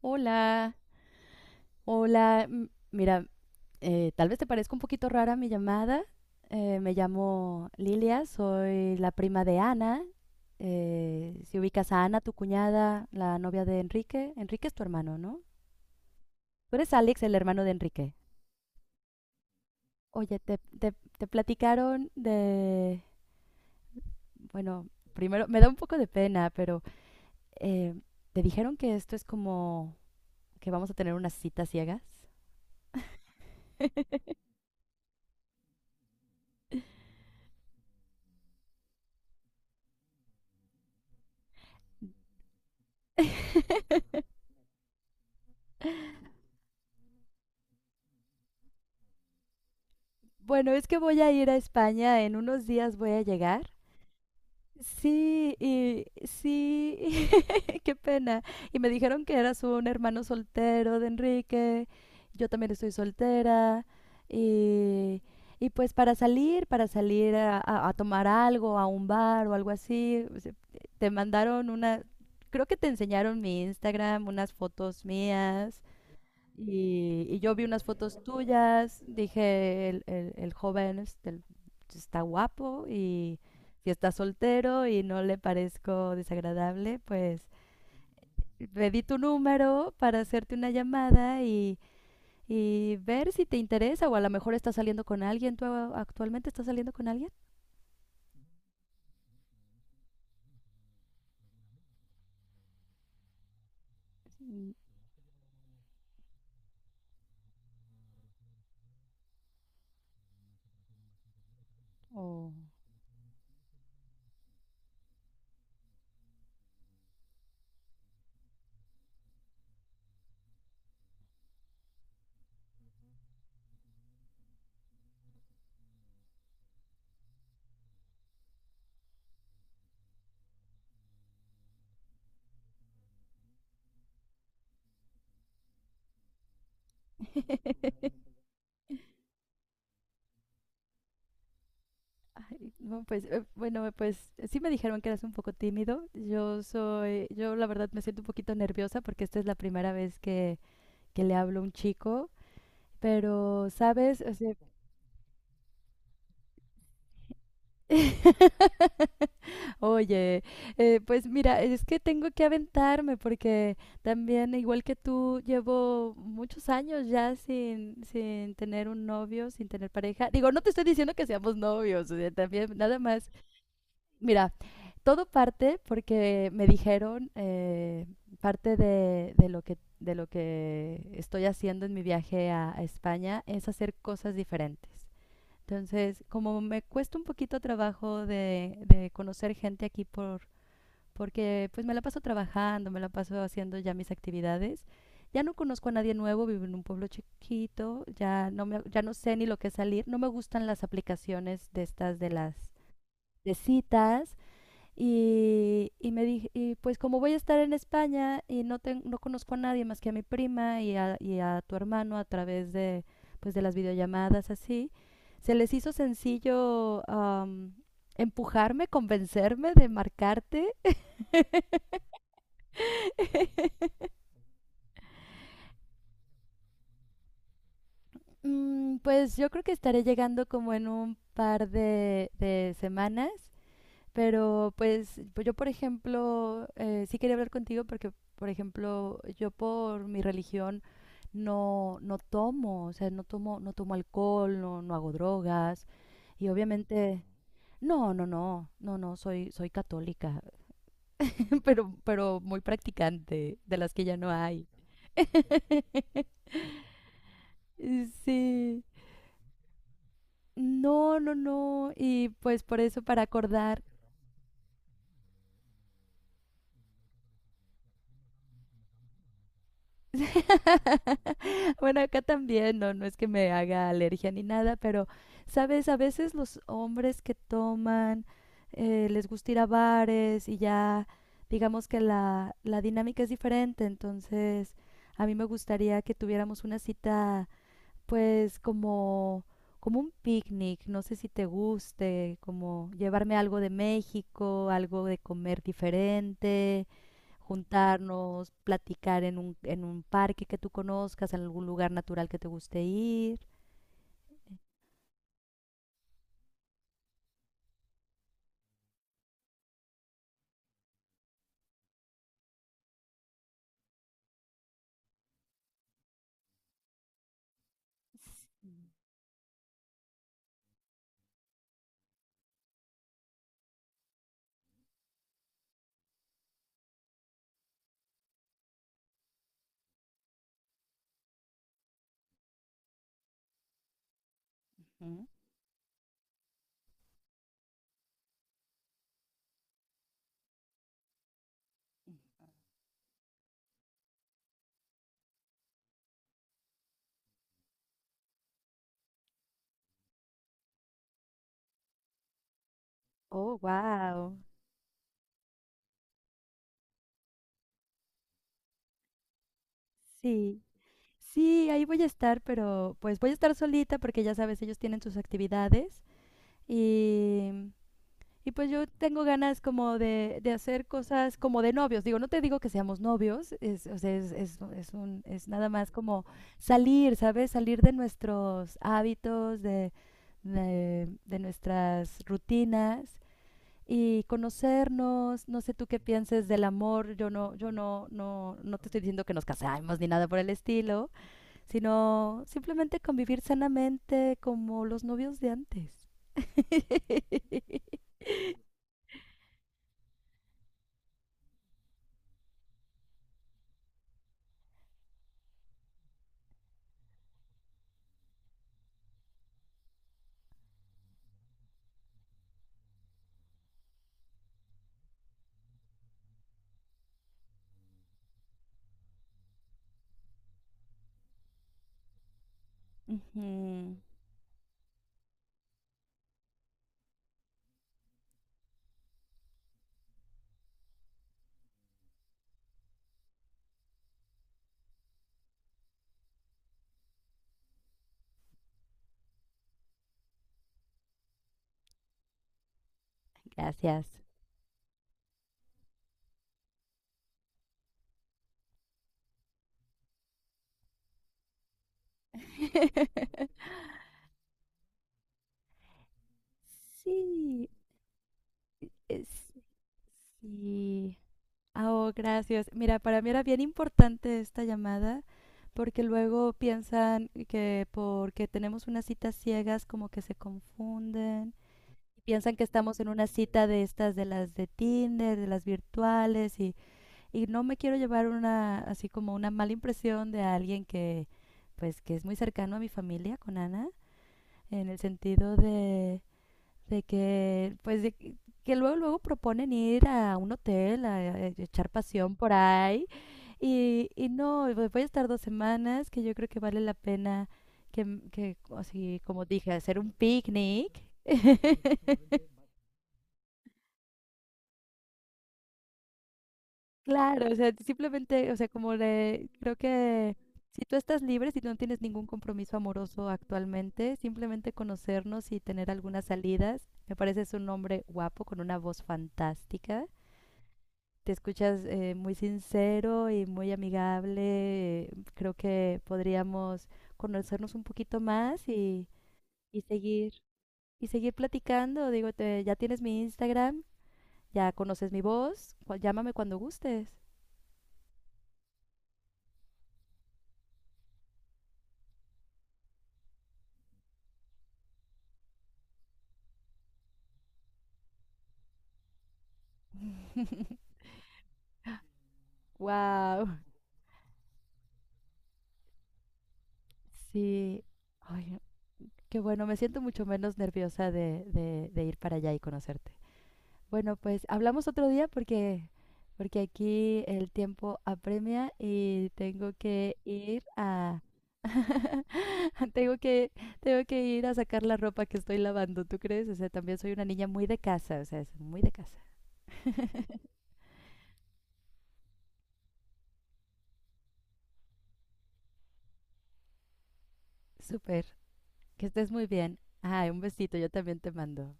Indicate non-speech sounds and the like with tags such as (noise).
Hola, hola. Mira, tal vez te parezca un poquito rara mi llamada. Me llamo Lilia, soy la prima de Ana. Si ubicas a Ana, tu cuñada, la novia de Enrique. Enrique es tu hermano, ¿no? Tú eres Alex, el hermano de Enrique. Oye, te platicaron de... Bueno, primero, me da un poco de pena, pero eh, ¿te dijeron que esto es como que vamos a tener unas citas ciegas? (laughs) Bueno, es que voy a ir a España, en unos días voy a llegar. Sí, y sí, (laughs) qué pena. Y me dijeron que eras un hermano soltero de Enrique, yo también estoy soltera, y, y pues para salir a tomar algo, a un bar o algo así, o sea, te mandaron una, creo que te enseñaron mi Instagram, unas fotos mías, y yo vi unas fotos tuyas, dije, el joven este, está guapo y si está soltero y no le parezco desagradable, pues le di tu número para hacerte una llamada y ver si te interesa o a lo mejor estás saliendo con alguien. ¿Tú actualmente estás saliendo con alguien? Mm, o- (laughs) Ay, no, pues, bueno, pues sí me dijeron que eras un poco tímido. Yo soy, yo la verdad me siento un poquito nerviosa porque esta es la primera vez que le hablo a un chico, pero, ¿sabes? O sea, (laughs) Oye, pues mira, es que tengo que aventarme porque también, igual que tú, llevo muchos años ya sin, sin tener un novio, sin tener pareja. Digo, no te estoy diciendo que seamos novios, o sea, también nada más. Mira, todo parte porque me dijeron, parte de lo que estoy haciendo en mi viaje a España es hacer cosas diferentes. Entonces, como me cuesta un poquito trabajo de conocer gente aquí por, porque pues me la paso trabajando, me la paso haciendo ya mis actividades, ya no conozco a nadie nuevo, vivo en un pueblo chiquito, ya no me, ya no sé ni lo que es salir, no me gustan las aplicaciones de estas de las de citas, y me dije, y pues como voy a estar en España y no, no conozco a nadie más que a mi prima y a tu hermano a través de, pues de las videollamadas así, se les hizo sencillo empujarme, convencerme de marcarte. Mm, pues yo creo que estaré llegando como en un par de semanas. Pero pues, pues yo, por ejemplo, sí quería hablar contigo porque, por ejemplo, yo por mi religión no, no tomo, o sea, no tomo, no tomo alcohol, no, no hago drogas. Y obviamente, no, no, no, no, no, soy, soy católica, (laughs) pero muy practicante, de las que ya no hay. (laughs) Sí. No, no, no. Y pues por eso, para acordar. (laughs) Bueno, acá también, no, no es que me haga alergia ni nada, pero, ¿sabes? A veces los hombres que toman, les gusta ir a bares y ya, digamos que la dinámica es diferente, entonces a mí me gustaría que tuviéramos una cita, pues, como, como un picnic, no sé si te guste, como llevarme algo de México, algo de comer diferente, juntarnos, platicar en un parque que tú conozcas, en algún lugar natural que te guste ir. Ujú. Oh, wow. Sí. Sí, ahí voy a estar, pero pues voy a estar solita porque ya sabes, ellos tienen sus actividades y. Y pues yo tengo ganas como de hacer cosas como de novios. Digo, no te digo que seamos novios, es, o sea, es un, es nada más como salir, ¿sabes? Salir de nuestros hábitos, de nuestras rutinas y conocernos. No sé tú qué pienses del amor. Yo no, yo no, no, no te estoy diciendo que nos casemos ni nada por el estilo, sino simplemente convivir sanamente como los novios de antes. (laughs) Ujú. Gracias. (laughs) Sí, es- sí. Ah, Oh, gracias. Mira, para mí era bien importante esta llamada porque luego piensan que porque tenemos unas citas ciegas como que se confunden. Piensan que estamos en una cita de estas, de las de Tinder, de las virtuales y no me quiero llevar una, así como una mala impresión de alguien que, pues, que es muy cercano a mi familia con Ana, en el sentido de... De que, pues, de que luego, luego proponen ir a un hotel a echar pasión por ahí. Y no, y voy a estar dos semanas, que yo creo que vale la pena que, que así como dije, hacer un picnic. (laughs) Claro, o sea, simplemente, o sea, como le, creo que si tú estás libre, si no tienes ningún compromiso amoroso actualmente, simplemente conocernos y tener algunas salidas, me parece es un hombre guapo con una voz fantástica. Te escuchas muy sincero y muy amigable. Creo que podríamos conocernos un poquito más y seguir y seguir platicando. Digo, ya tienes mi Instagram, ya conoces mi voz, llámame cuando gustes. Wow, sí. Ay, qué bueno, me siento mucho menos nerviosa de ir para allá y conocerte. Bueno, pues hablamos otro día porque, porque aquí el tiempo apremia y tengo que ir a (laughs) tengo que, tengo que ir a sacar la ropa que estoy lavando, ¿tú crees? O sea, también soy una niña muy de casa, o sea, es muy de casa. Súper, que estés muy bien. Ay, un besito, yo también te mando.